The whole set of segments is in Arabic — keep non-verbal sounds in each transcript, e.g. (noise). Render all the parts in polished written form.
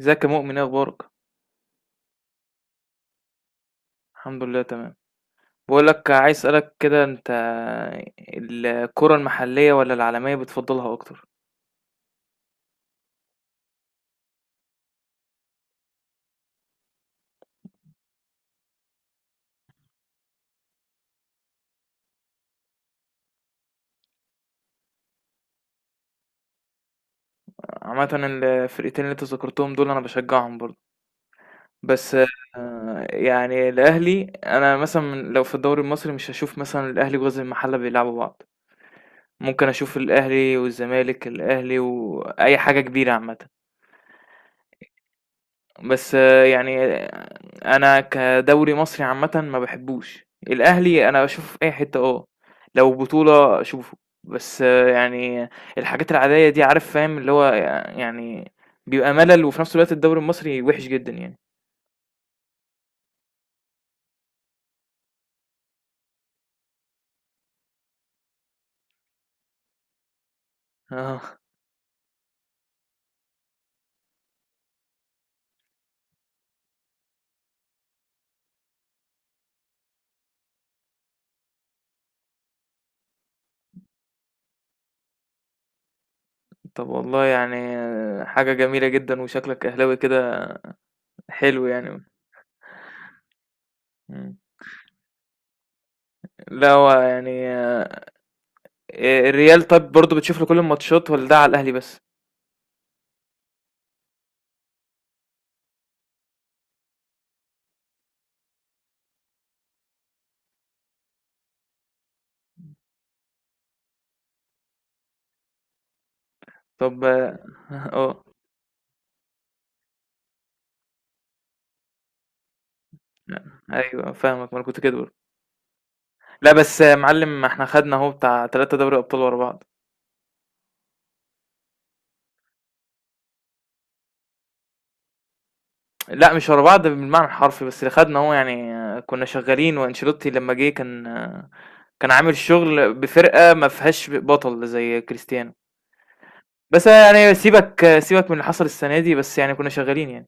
ازيك يا مؤمن، ايه اخبارك؟ الحمد لله تمام. بقول لك، عايز اسالك كده، انت الكرة المحلية ولا العالمية بتفضلها اكتر؟ عامة الفرقتين اللي انت ذكرتهم دول انا بشجعهم برضه. بس يعني الاهلي، انا مثلا لو في الدوري المصري مش هشوف مثلا الاهلي وغزل المحلة بيلعبوا بعض. ممكن اشوف الاهلي والزمالك، الاهلي واي حاجة كبيرة عامة. بس يعني انا كدوري مصري عامه ما بحبوش الاهلي، انا بشوفه في اي حته. اه، لو بطوله اشوفه. بس يعني الحاجات العاديه دي، عارف، فاهم اللي هو يعني بيبقى ملل، وفي نفس الوقت الدوري المصري وحش جدا يعني. اه، طب والله يعني حاجه جميله جدا، وشكلك اهلاوي كده، حلو يعني. مم. لا، هو يعني الريال طب برضو بتشوف له كل الماتشات ولا ده على الاهلي بس؟ طب اه. (laughs) آه. لأ، أيوه فاهمك، ما أنا كنت كده برضه. لأ، بس يا معلم، إحنا خدنا أهو بتاع 3 دوري أبطال ورا بعض. لأ مش ورا بعض بالمعنى الحرفي، بس اللي خدنا أهو يعني كنا شغالين، وأنشيلوتي لمّا جه كان عامل شغل بفرقة ما فيهاش بطل زي كريستيانو. بس يعني سيبك سيبك من اللي حصل السنة دي، بس يعني كنا شغالين يعني.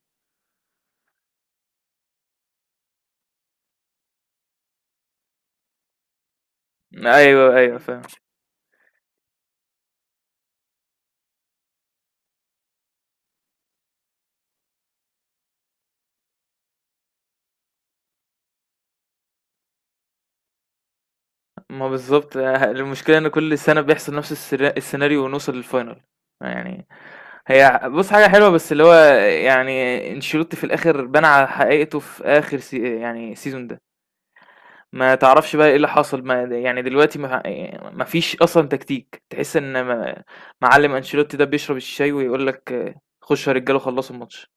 أيوه، أيوه، فاهم. ما بالضبط، المشكلة إن كل سنة بيحصل نفس السيناريو، ونوصل للfinal يعني. هي بُص، حاجة حلوة، بس اللي هو يعني أنشيلوتي في الآخر بان على حقيقته في آخر يعني السيزون ده. ما تعرفش بقى إيه اللي حصل، ما يعني دلوقتي ما فيش أصلًا تكتيك، تحس إن ما معلم أنشيلوتي ده بيشرب الشاي ويقول لك خشوا يا رجالة وخلصوا الماتش.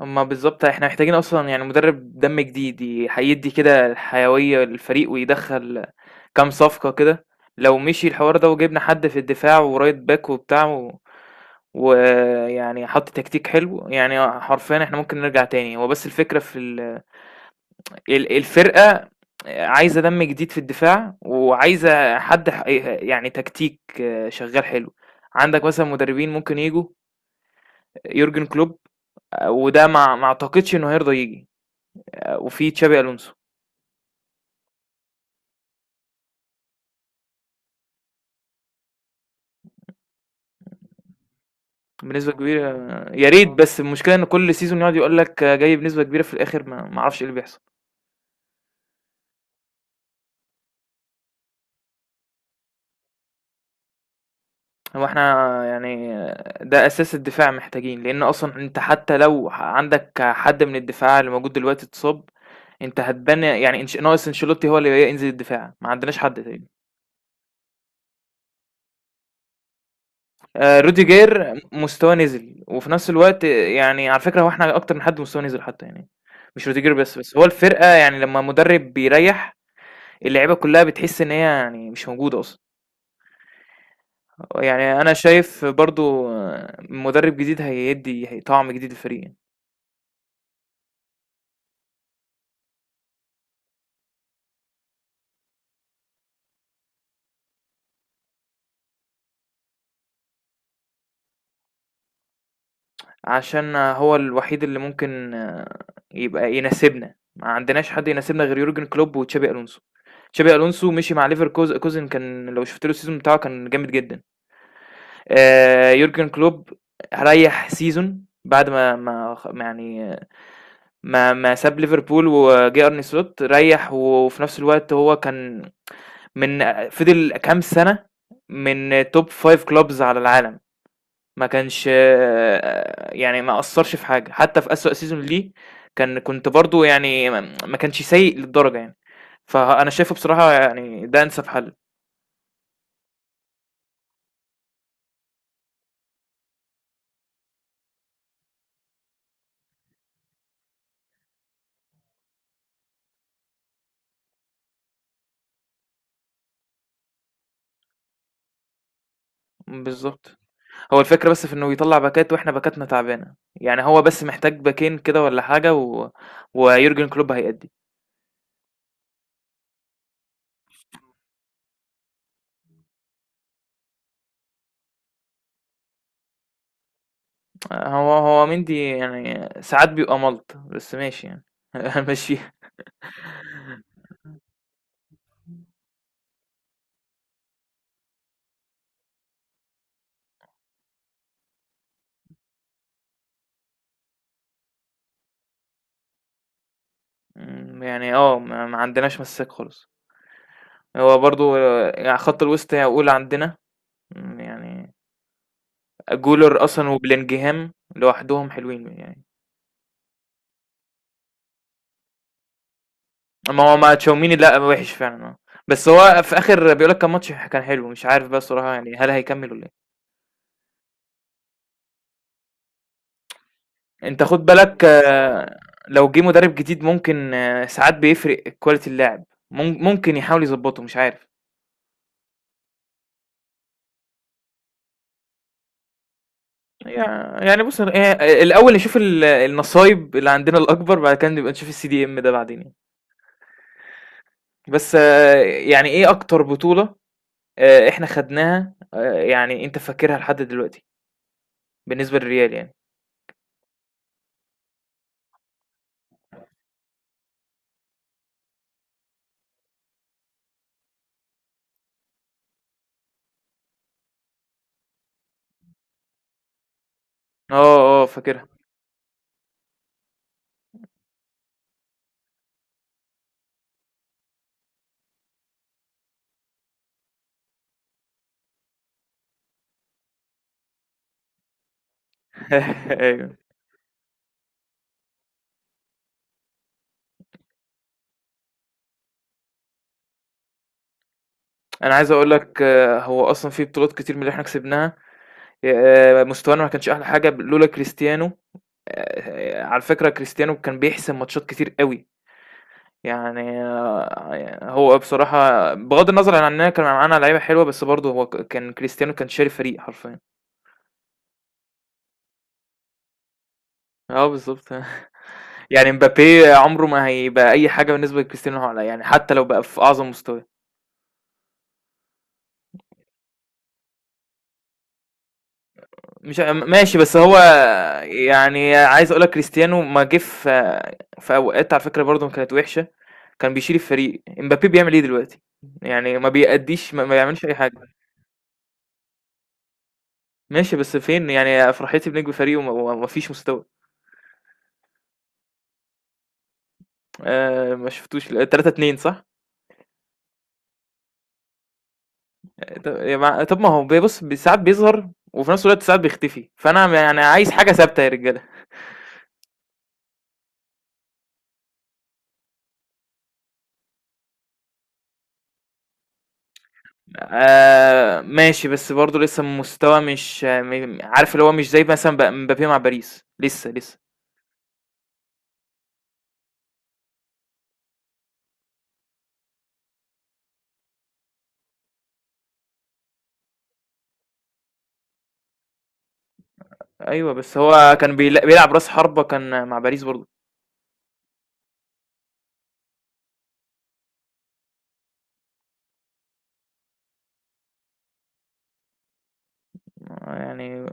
أمّا بالضبط إحنا محتاجين أصلًا يعني مدرب دم جديد، هيدّي كده الحيوية للفريق، ويدخّل كام صفقة كده. لو مشي الحوار ده وجبنا حد في الدفاع ورايت باك وبتاع، ويعني حط تكتيك حلو، يعني حرفيا احنا ممكن نرجع تاني. هو بس الفكرة في الفرقة عايزة دم جديد في الدفاع، وعايزة حد يعني تكتيك شغال حلو. عندك مثلا مدربين ممكن يجوا، يورجن كلوب، وده ما اعتقدش انه هيرضى يجي، وفي تشابي الونسو. بنسبة كبيرة. يا ريت، بس المشكلة ان كل سيزون يقعد يقول لك جاي بنسبة كبيرة، في الاخر ما اعرفش ايه اللي بيحصل. هو احنا يعني ده أساس الدفاع محتاجين، لأن أصلا أنت حتى لو عندك حد من الدفاع اللي موجود دلوقتي اتصاب، أنت هتبني يعني ناقص انشيلوتي هو اللي ينزل الدفاع، ما عندناش حد تاني. آه، روديجير مستواه نزل، وفي نفس الوقت يعني على فكرة، هو احنا أكتر من حد مستواه نزل حتى يعني، مش روديجير بس. بس هو الفرقة يعني لما مدرب بيريح، اللعيبة كلها بتحس إن هي يعني مش موجودة أصلا. يعني أنا شايف برضو مدرب جديد هيدي طعم جديد للفريق. عشان هو الوحيد اللي ممكن يبقى يناسبنا، ما عندناش حد يناسبنا غير يورجن كلوب وتشابي ألونسو. تشابي ألونسو مشي مع ليفركوز كوزن كان لو شُفت له السيزون بتاعه كان جامد جدًا. يورجن كلوب ريّح سيزون بعد ما ما خ ما يعني ما ساب ليفربول وجه أرني سلوت. ريّح، وفي نفس الوقت هو كان من فضل كام سنة من top 5 clubs على العالم. ما كانش يعني ما أثّرش في حاجة، حتى في أسوأ season ليه كنت برضه يعني، ما كانش سيء للدرجة يعني. فأنا شايفه بصراحة يعني ده أنسب حل. بالضبط. هو الفكرة بس في إنه يطلّع باكات، وإحنا باكاتنا تعبانة، يعني هو بس محتاج باكين كده والّا حاجة، و ويورجن كلوب هيأدّي. هو هو مندي يعني ساعات بيبقى مَلْط، بس ماشي يعني (laughs) هنمشّيها. يعني آه، ما عندناش مساك خالص. هو برضه يعني خط الوسط يعقول عندنا يعني جولر أصلًا وبلينجهام لوحدهم حلوين يعني. ما هو مع تشاوميني لأ، وحش فعلًا بس هو في آخر بيقول لك كان ماتش كان حلو. مش عارف بقى الصراحة يعني، هل هيكمّل والّا إيه؟ أنت خُد بالك لو جِه مدرب جديد ممكن ساعات بيفرق quality اللاعب. ممكن يحاول يضبّطه، مش عارف. يع يعني بُص، هي الأول نشوف النصايب اللي عندنا الأكبر، بعد كده نبقى نشوف الCDM ده بعدين يعني. بس يعني إيه أكتر بطولة إحنا خدناها يعني أنت فاكرها لحد دلوقتي؟ بالنسبة للريال يعني. آه، آه، فاكرها. (laughs) أيوه. أنا عايز أقول لك هو أصلًا في بطولات كتير من اللي إحنا كسبناها مستوانا ما كانش أحلى حاجة لولا كريستيانو. على فكرة، كريستيانو كان بيحسم ماتشات كتير أوي. يعني هو بصراحة بغض النظر عن إننا كان معانا لعيبة حلوة، بس برضه هو كان كريستيانو كان شاري فريق حرفيًا. آه، بالضبط. (laughs) يعني امبابي عمره ما هيبقى أي حاجة بالنسبة لكريستيانو، يعني حتى لو بقى في أعظم مستواه. مش ماشي، بس هو يعني عايز أقول لك كريستيانو ما جه في أوقات، على فكرة برضه كانت وحشة. كان بيشيل الفريق، امبابي بيعمل إيه دلوقتي؟ يعني ما بيأدّيش، ما بيعملش أي حاجة. ماشي، بس فين يعني فرحتي بنجم فريقي؟ وما فيش مستوى. ما شفتوش ل 3-2، صح؟ ط يا مع طب ما هو بيبُص، ساعات بيظهر وفي نفس الوقت ساعات بيختفي. فأنا يعني عايز حاجة ثابتة يا رجالة. آه، ماشي، بس برضه لسه مستوى مش عارف، اللي هو مش زي مثلا مبابي مع باريس لسه لسه. ايوه، بس هو كان بيلعب راس حربة، كان مع باريس برضه يعني،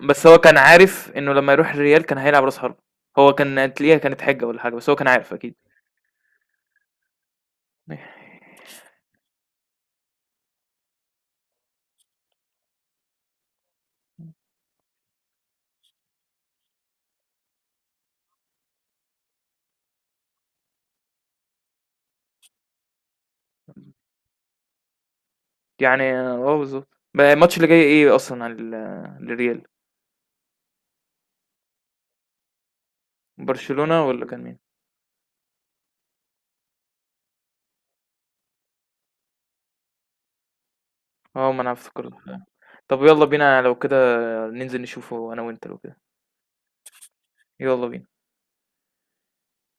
بس هو كان عارف انه لما يروح الريال كان هيلعب راس حربة. هو كان تلاقيها كانت حجة ولا حاجة، بس هو كان عارف اكيد يعني. اه، بالظبط. بقى الماتش اللي جاي ايه اصلا على للريال، برشلونة ولا كان مين؟ اه، ما انا افتكرت. طب يلا بينا لو كده، ننزل نشوفه انا وانت لو كده. يلا بينا.